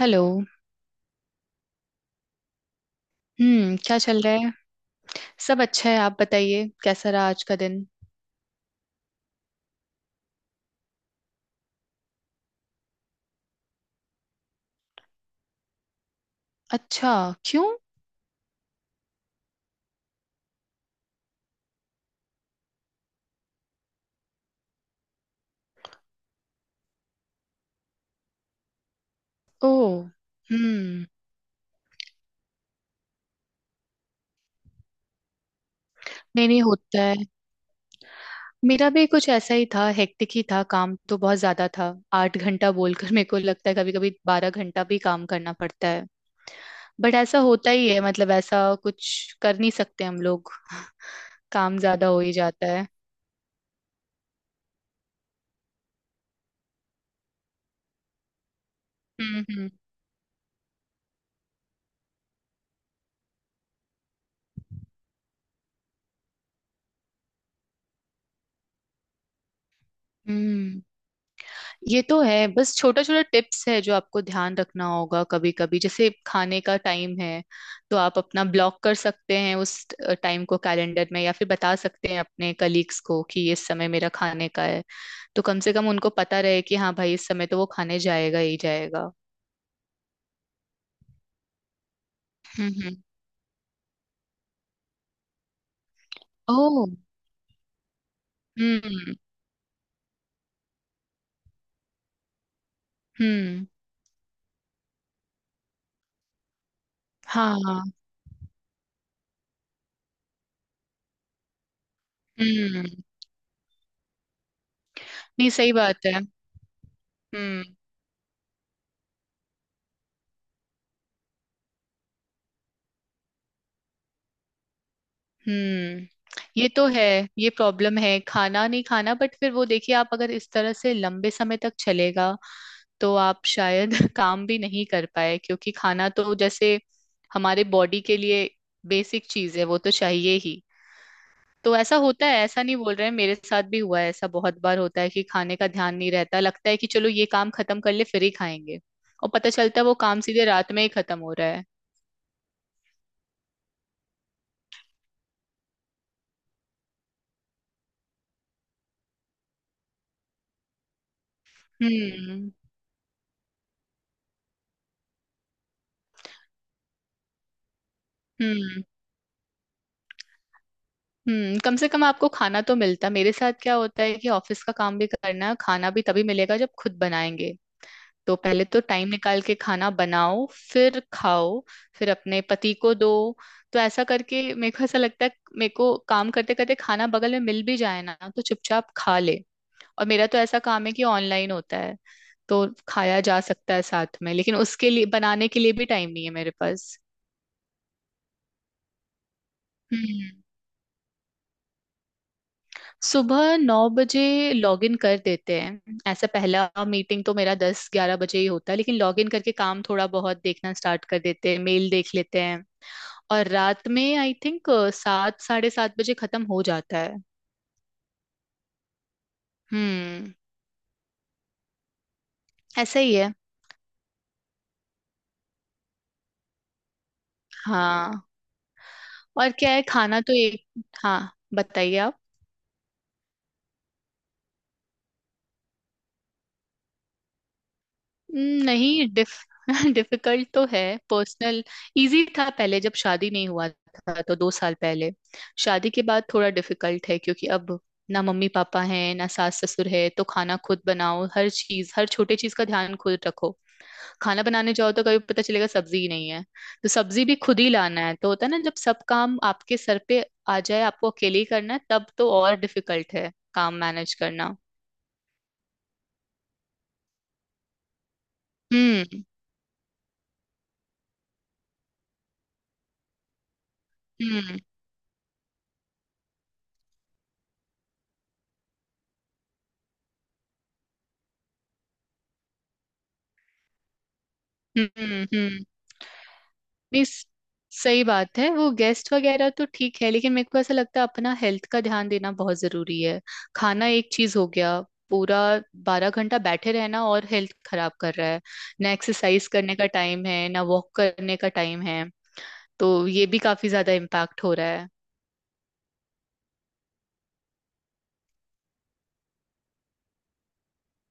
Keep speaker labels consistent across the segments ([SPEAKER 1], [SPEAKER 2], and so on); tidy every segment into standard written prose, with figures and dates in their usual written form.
[SPEAKER 1] Hello. हम्म, क्या चल रहा है? सब अच्छा है, आप बताइए कैसा रहा आज का दिन? अच्छा। क्यों? ओह। हम्म। नहीं, नहीं होता है। मेरा भी कुछ ऐसा ही था, हेक्टिक ही था, काम तो बहुत ज्यादा था। 8 घंटा बोलकर मेरे को लगता है कभी कभी 12 घंटा भी काम करना पड़ता है। बट ऐसा होता ही है, मतलब ऐसा कुछ कर नहीं सकते हम लोग। काम ज्यादा हो ही जाता है। हम्म, हम्म, हम्म। ये तो है, बस छोटा छोटा टिप्स है जो आपको ध्यान रखना होगा। कभी कभी जैसे खाने का टाइम है तो आप अपना ब्लॉक कर सकते हैं उस टाइम को कैलेंडर में, या फिर बता सकते हैं अपने कलीग्स को कि इस समय मेरा खाने का है। तो कम से कम उनको पता रहे कि हाँ भाई इस समय तो वो खाने जाएगा ही जाएगा। हम्म, हम्म। ओह। हम्म। हम्म। हाँ। हम्म। नहीं, सही बात है। हम्म, हम्म। ये तो है। ये प्रॉब्लम है खाना नहीं खाना, बट फिर वो देखिए, आप अगर इस तरह से लंबे समय तक चलेगा तो आप शायद काम भी नहीं कर पाए, क्योंकि खाना तो जैसे हमारे बॉडी के लिए बेसिक चीज है, वो तो चाहिए ही। तो ऐसा होता है, ऐसा नहीं बोल रहे हैं, मेरे साथ भी हुआ है ऐसा बहुत बार। होता है कि खाने का ध्यान नहीं रहता, लगता है कि चलो ये काम खत्म कर ले फिर ही खाएंगे, और पता चलता है वो काम सीधे रात में ही खत्म हो रहा है। हम्म, हम्म, हम्म। कम से कम आपको खाना तो मिलता। मेरे साथ क्या होता है कि ऑफिस का काम भी करना है, खाना भी तभी मिलेगा जब खुद बनाएंगे। तो पहले तो टाइम निकाल के खाना बनाओ, फिर खाओ, फिर अपने पति को दो। तो ऐसा करके मेरे को ऐसा लगता है, मेरे को काम करते करते खाना बगल में मिल भी जाए ना तो चुपचाप खा ले। और मेरा तो ऐसा काम है कि ऑनलाइन होता है, तो खाया जा सकता है साथ में, लेकिन उसके लिए बनाने के लिए भी टाइम नहीं है मेरे पास। हम्म। सुबह 9 बजे लॉग इन कर देते हैं, ऐसा पहला मीटिंग तो मेरा 10-11 बजे ही होता है, लेकिन लॉग इन करके काम थोड़ा बहुत देखना स्टार्ट कर देते हैं, मेल देख लेते हैं। और रात में आई थिंक 7 साढ़े 7 बजे खत्म हो जाता है। हम्म। ऐसा ही है। हाँ। और क्या है, खाना तो एक। हाँ, बताइए आप। नहीं डिफ डिफिकल्ट तो है। पर्सनल इजी था पहले, जब शादी नहीं हुआ था, तो 2 साल पहले शादी के बाद थोड़ा डिफिकल्ट है, क्योंकि अब ना मम्मी पापा हैं, ना सास ससुर है, तो खाना खुद बनाओ, हर चीज, हर छोटे चीज का ध्यान खुद रखो। खाना बनाने जाओ तो कभी पता चलेगा सब्जी ही नहीं है, तो सब्जी भी खुद ही लाना है। तो होता है ना, जब सब काम आपके सर पे आ जाए, आपको अकेले ही करना है, तब तो और डिफिकल्ट है काम मैनेज करना। हम्म, हम्म, हम्म, हम्म। नहीं स- सही बात है, वो गेस्ट वगैरह तो ठीक है, लेकिन मेरे को ऐसा लगता है अपना हेल्थ का ध्यान देना बहुत जरूरी है। खाना एक चीज हो गया। पूरा 12 घंटा बैठे रहना और हेल्थ खराब कर रहा है। ना एक्सरसाइज करने का टाइम है, ना वॉक करने का टाइम है, तो ये भी काफी ज्यादा इम्पैक्ट हो रहा है।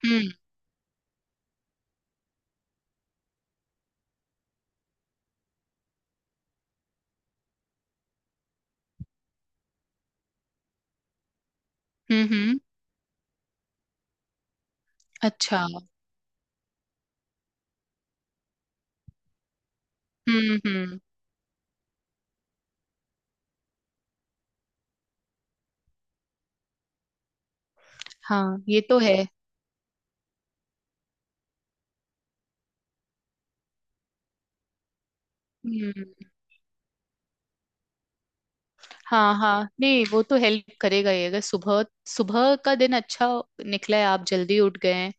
[SPEAKER 1] हम्म, हम्म, हम्म। अच्छा, हम्म, हम्म। हाँ ये तो है। हम्म। हाँ हाँ, नहीं वो तो हेल्प करेगा ही। अगर सुबह सुबह का दिन अच्छा निकला है, आप जल्दी उठ गए हैं,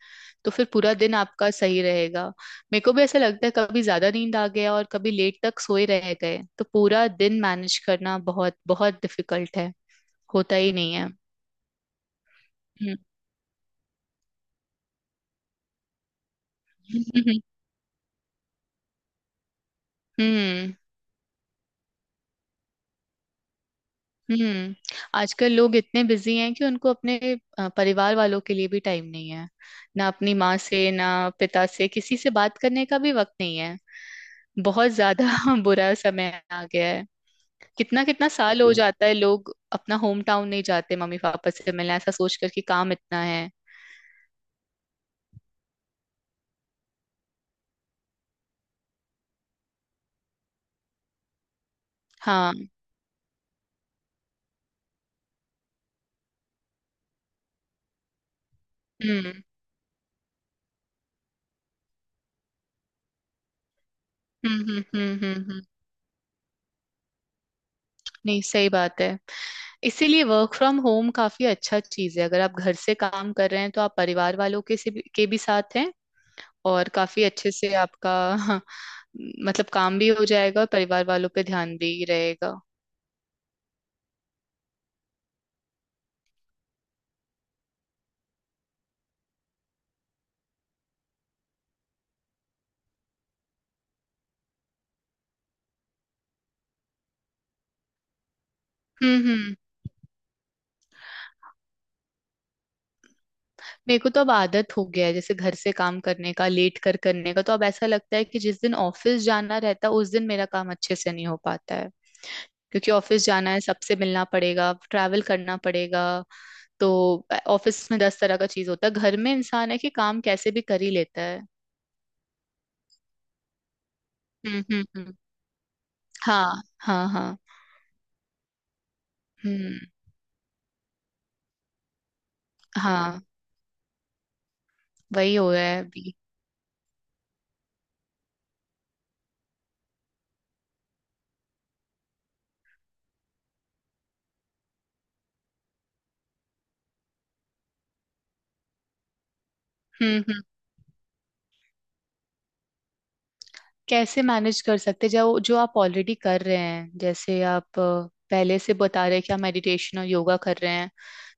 [SPEAKER 1] तो फिर पूरा दिन आपका सही रहेगा। मेरे को भी ऐसा लगता है कभी ज्यादा नींद आ गया और कभी लेट तक सोए रह गए तो पूरा दिन मैनेज करना बहुत बहुत डिफिकल्ट है, होता ही नहीं है। हम्म। हम्म, हम्म, आजकल लोग इतने बिजी हैं कि उनको अपने परिवार वालों के लिए भी टाइम नहीं है, ना अपनी माँ से, ना पिता से, किसी से बात करने का भी वक्त नहीं। बहुत ज्यादा बुरा समय आ गया है। कितना कितना साल हो जाता है लोग अपना होम टाउन नहीं जाते, मम्मी पापा से मिलने, ऐसा सोच कर कि काम इतना है। हाँ, हम्म, हम्म, हम्म, हम्म, हम्म, नहीं, सही बात है। इसीलिए वर्क फ्रॉम होम काफी अच्छा चीज है, अगर आप घर से काम कर रहे हैं तो आप परिवार वालों के भी साथ हैं, और काफी अच्छे से आपका हाँ, मतलब काम भी हो जाएगा और परिवार वालों पे ध्यान भी रहेगा। हम्म, हम्म। मेरे को तो अब आदत हो गया है जैसे घर से काम करने का, लेट कर करने का, तो अब ऐसा लगता है कि जिस दिन ऑफिस जाना रहता है उस दिन मेरा काम अच्छे से नहीं हो पाता है, क्योंकि ऑफिस जाना है, सबसे मिलना पड़ेगा, ट्रैवल करना पड़ेगा। तो ऑफिस में दस तरह का चीज होता है, घर में इंसान है कि काम कैसे भी कर ही लेता है। हम्म, हम्म, हम्म। हाँ, हाँ, हाँ। हम्म। हाँ, वही हो रहा है अभी। हम्म, हम्म। कैसे मैनेज कर सकते, जो जो आप ऑलरेडी कर रहे हैं। जैसे आप पहले से बता रहे हैं कि आप मेडिटेशन और योगा कर रहे हैं,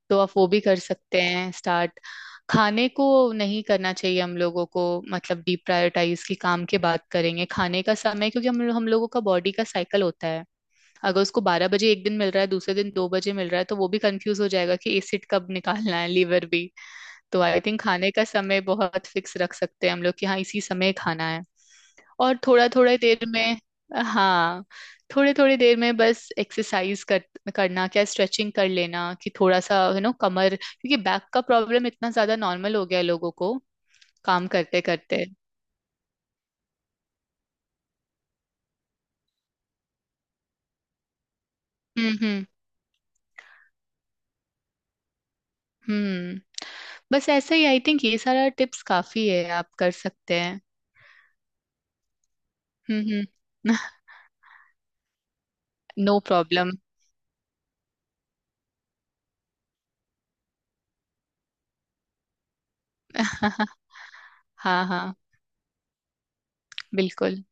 [SPEAKER 1] तो आप वो भी कर सकते हैं स्टार्ट। खाने को नहीं करना चाहिए हम लोगों को, मतलब डिप्रायोटाइज, की काम की बात करेंगे खाने का समय, क्योंकि हम लोगों का बॉडी का साइकिल होता है। अगर उसको 12 बजे एक दिन मिल रहा है, दूसरे दिन 2 बजे मिल रहा है, तो वो भी कंफ्यूज हो जाएगा कि एसिड कब निकालना है, लीवर भी। तो आई थिंक खाने का समय बहुत फिक्स रख सकते हैं हम लोग कि हाँ इसी समय खाना है। और थोड़ा थोड़ा देर में, हाँ, थोड़े थोड़े देर में बस एक्सरसाइज कर करना, क्या स्ट्रेचिंग कर लेना कि थोड़ा सा यू नो कमर, क्योंकि बैक का प्रॉब्लम इतना ज्यादा नॉर्मल हो गया है लोगों को, काम करते करते। हम्म, हम्म, हम्म। बस ऐसा ही आई थिंक ये सारा टिप्स काफी है, आप कर सकते हैं। हम्म, हम्म। No problem. हाँ हाँ, बिल्कुल।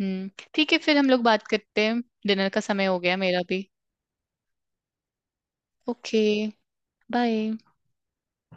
[SPEAKER 1] हम्म, ठीक है फिर हम लोग बात करते हैं, डिनर का समय हो गया मेरा भी। Okay, bye.